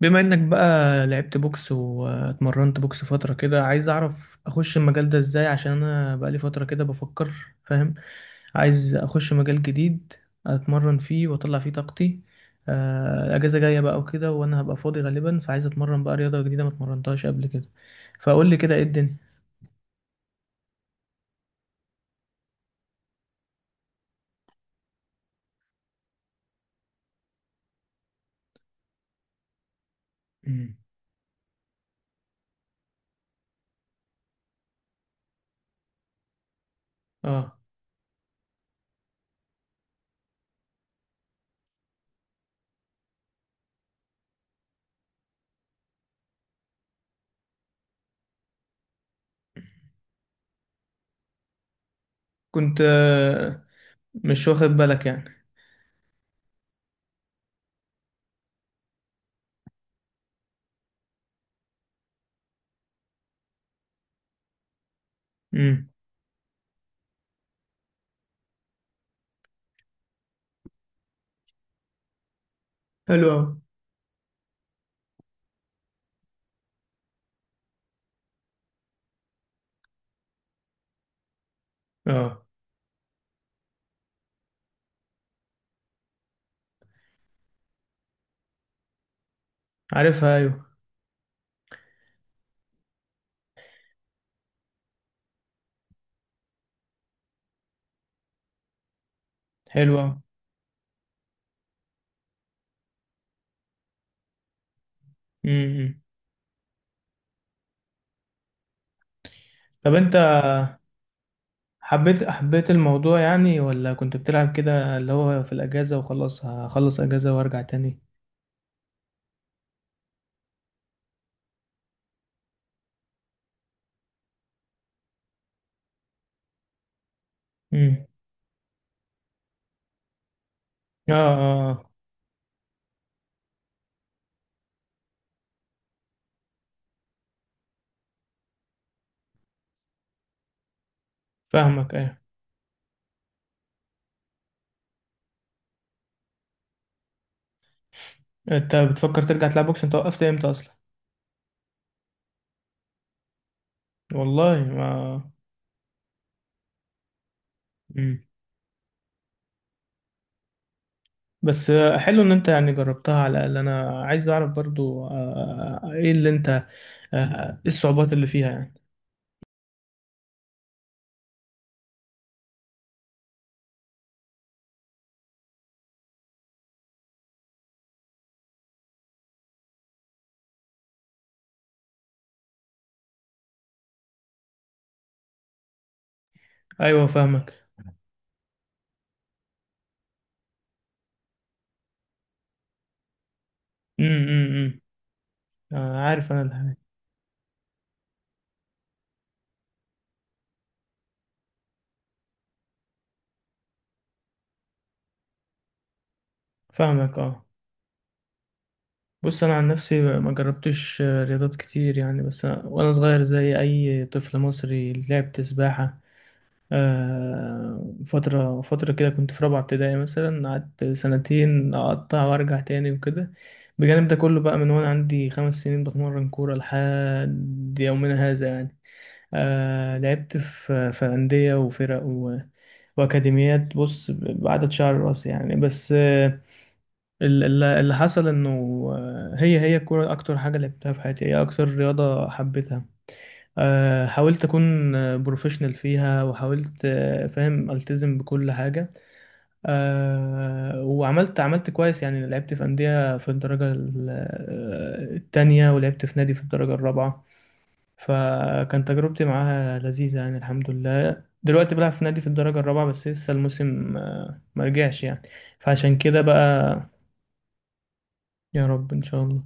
بما انك بقى لعبت بوكس واتمرنت بوكس فترة كده، عايز اعرف اخش المجال ده ازاي، عشان انا بقالي فترة كده بفكر. فاهم. عايز اخش مجال جديد اتمرن فيه واطلع فيه طاقتي. الاجازة جاية بقى وكده، وانا هبقى فاضي غالبا، فعايز اتمرن بقى رياضة جديدة ما اتمرنتهاش قبل كده. فقول لي كده ايه الدنيا. مم. اه، كنت مش واخد بالك يعني. امم حلو أوي. اه، عارفها ايوه. حلوة. امم طب انت حبيت الموضوع يعني، ولا كنت بتلعب كده اللي هو في الأجازة، وخلاص هخلص أجازة وأرجع تاني. امم. اه اه آه. فاهمك ايه. انت بتفكر ترجع تلعب بوكس؟ انت وقفت امتى اصلا؟ والله ما. امم. بس حلو ان انت يعني جربتها على الأقل. انا عايز اعرف برضو ايه اللي انت ايه الصعوبات اللي فيها يعني. ايوه فاهمك. امم. عارف انا الحاجة. فاهمك اه. بص انا عن نفسي ما جربتش رياضات كتير يعني، بس أنا وانا صغير زي اي طفل مصري لعبت سباحة. فترة فترة كده، كنت في رابعة ابتدائي مثلا، قعدت سنتين اقطع وارجع تاني وكده. بجانب ده كله بقى، من وانا عندي خمس سنين بتمرن كورة لحد يومنا هذا يعني. لعبت في أندية وفرق وأكاديميات، بص بعدد شعر راسي يعني. بس اللي حصل انه هي الكوره اكتر حاجه لعبتها في حياتي، هي اكتر رياضه حبيتها. حاولت اكون بروفيشنال فيها، وحاولت فاهم، التزم بكل حاجه. وعملت كويس يعني. لعبت في انديه في الدرجه التانية، ولعبت في نادي في الدرجه الرابعه. فكان تجربتي معاها لذيذه يعني، الحمد لله. دلوقتي بلعب في نادي في الدرجه الرابعه، بس لسه الموسم ما رجعش يعني. فعشان كده بقى. يا رب ان شاء الله.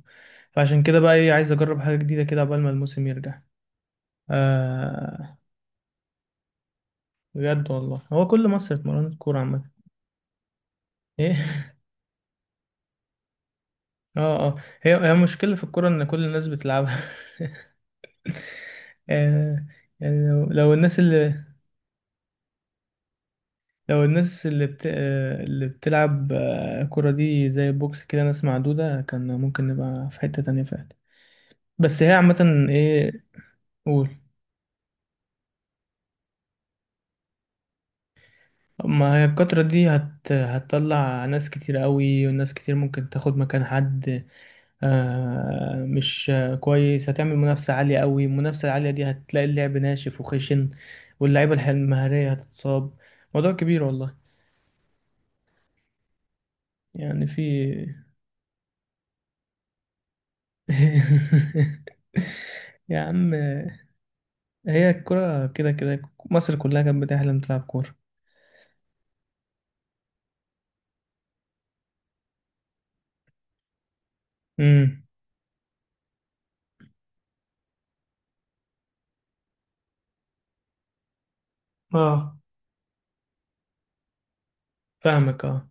فعشان كده بقى ايه، عايز اجرب حاجه جديده كده قبل ما الموسم يرجع. آه. بجد والله، هو كل مصر اتمرنت كوره عامه. ايه. اه اه. هي مشكله في الكوره ان كل الناس بتلعبها. آه يعني لو الناس اللي، لو الناس اللي بتلعب كرة دي زي البوكس كده ناس معدودة، كان ممكن نبقى في حتة تانية فعلا. بس هي عامة ايه. قول. ما هي الكترة دي هتطلع ناس كتير قوي، وناس كتير ممكن تاخد مكان حد. مش كويس، هتعمل منافسة عالية قوي. المنافسة العالية دي هتلاقي اللعب ناشف وخشن، واللعيبة المهارية هتتصاب. موضوع كبير والله. يعني في. يا عم، هي الكرة كده كده مصر كلها كانت بتحلم تلعب كورة. امم. اه فاهمك اه.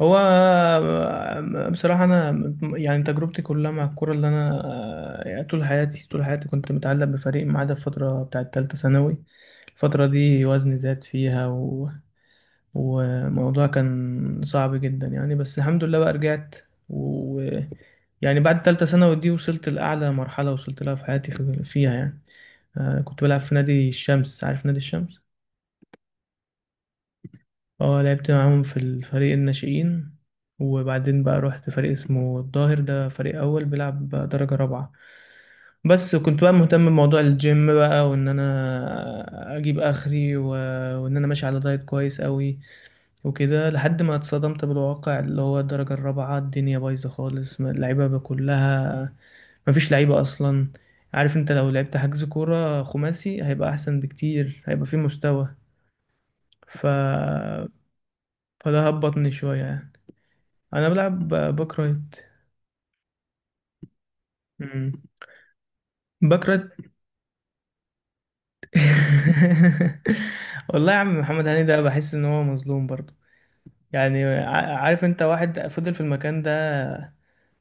هو بصراحة أنا يعني تجربتي كلها مع الكورة اللي أنا يعني طول حياتي طول حياتي كنت متعلق بفريق، ما عدا الفترة بتاعة تالتة ثانوي. الفترة دي وزني زاد فيها، و... وموضوع كان صعب جدا يعني، بس الحمد لله بقى رجعت. و يعني بعد تالتة ثانوي دي وصلت لأعلى مرحلة وصلت لها في حياتي فيها يعني. كنت بلعب في نادي الشمس، عارف نادي الشمس؟ اه لعبت معاهم في الفريق الناشئين، وبعدين بقى رحت فريق اسمه الظاهر، ده فريق أول بيلعب بقى درجة رابعة. بس كنت بقى مهتم بموضوع الجيم بقى، وإن أنا أجيب آخري، و... وإن أنا ماشي على دايت كويس قوي وكده، لحد ما اتصدمت بالواقع، اللي هو الدرجة الرابعة الدنيا بايظة خالص، اللعيبة بقى كلها مفيش لعيبة أصلا. عارف انت لو لعبت حجز كورة خماسي هيبقى أحسن بكتير، هيبقى فيه مستوى. ف... فده هبطني شوية يعني. أنا بلعب باك رايت. مم. باك رايت. والله يا عم محمد هاني ده بحس إن هو مظلوم برضه، يعني عارف أنت واحد فضل في المكان ده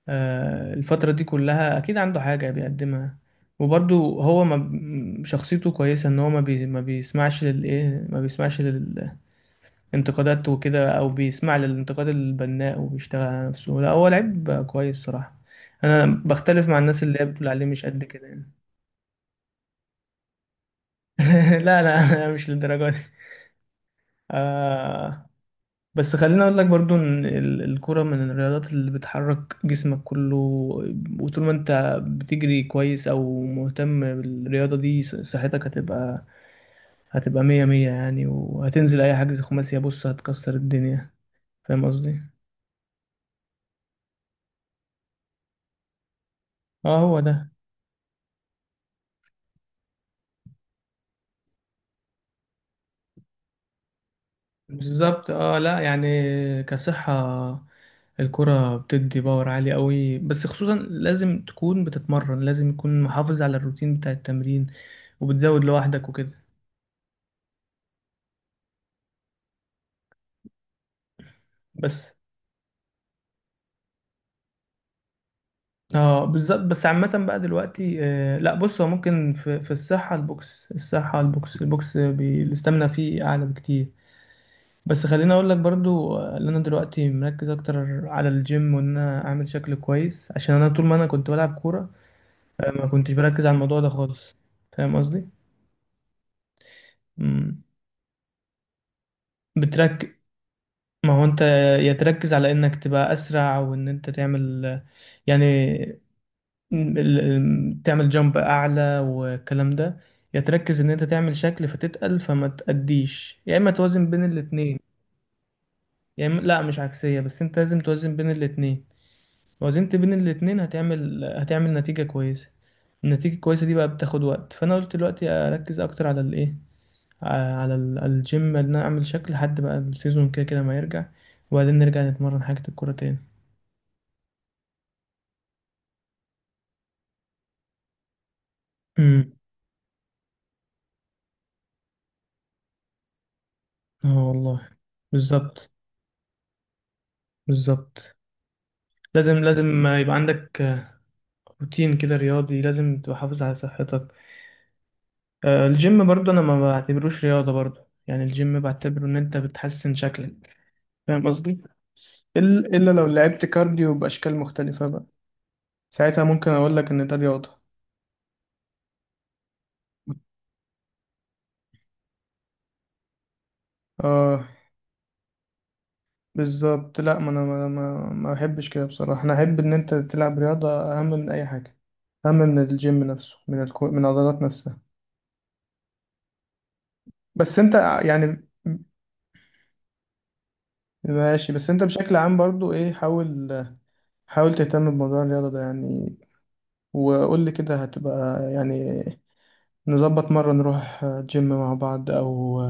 الفترة دي كلها أكيد عنده حاجة بيقدمها، وبرضه هو ما ب- شخصيته كويسة، إن هو ما بيسمعش ما بيسمعش لل انتقادات وكده، او بيسمع للانتقاد البناء وبيشتغل على نفسه. لا هو لعيب كويس صراحة، انا بختلف مع الناس اللي هي بتقول عليه مش قد كده يعني. لا لا، أنا مش للدرجة دي. آه. بس خليني اقول لك برضو ان الكرة من الرياضات اللي بتحرك جسمك كله، وطول ما انت بتجري كويس او مهتم بالرياضة دي صحتك هتبقى مية مية يعني، وهتنزل اي حجز خماسي بص هتكسر الدنيا. فاهم قصدي. اه هو ده. بالظبط اه. لا يعني كصحة الكرة بتدي باور عالي قوي، بس خصوصا لازم تكون بتتمرن، لازم يكون محافظ على الروتين بتاع التمرين وبتزود لوحدك وكده. بس اه، بالظبط. بس عامة بقى دلوقتي، لا بص، هو ممكن في الصحة البوكس، الصحة البوكس، البوكس الاستامينا فيه أعلى بكتير. بس خليني أقول لك برضو إن أنا دلوقتي مركز أكتر على الجيم، وإن أنا أعمل شكل كويس عشان أنا طول ما أنا كنت بلعب كورة ما كنتش بركز على الموضوع ده خالص. فاهم قصدي. مم. بترك. ما هو انت، يا تركز على انك تبقى اسرع وان انت تعمل يعني، تعمل جامب اعلى والكلام ده، يا تركز ان انت تعمل شكل فتتقل فما تأديش، يا اما توازن بين الاتنين. يا اما لا، مش عكسية، بس انت لازم توازن بين الاتنين. وزنت بين الاتنين هتعمل نتيجة كويسة. النتيجة الكويسة دي بقى بتاخد وقت، فانا قلت دلوقتي اركز اكتر على الايه، على الجيم ان انا اعمل شكل، لحد بقى السيزون كده كده ما يرجع، وبعدين نرجع نتمرن حاجة الكورة تاني. امم اه والله. بالظبط بالظبط. لازم لازم يبقى عندك روتين كده رياضي، لازم تبقى حافظ على صحتك. الجيم برضو انا ما بعتبروش رياضة برضو، يعني الجيم بعتبره ان انت بتحسن شكلك. فاهم قصدي. إل- الا لو لعبت كارديو باشكال مختلفة بقى، ساعتها ممكن اقول لك ان ده رياضة. اه بالظبط. لا ما انا ما احبش كده بصراحه، انا احب ان انت تلعب رياضه اهم من اي حاجه، اهم من الجيم نفسه، من العضلات نفسها. بس انت يعني ماشي. بس انت بشكل عام برضو ايه، حاول تهتم بموضوع الرياضه ده يعني، وقول لي كده هتبقى يعني، نظبط مره نروح جيم مع بعض، او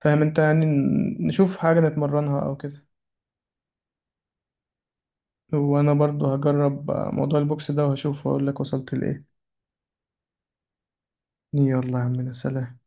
فاهم انت يعني نشوف حاجه نتمرنها او كده. وانا برضو هجرب موضوع البوكس ده، وهشوف واقول لك وصلت لايه. يلا يا عم سلام.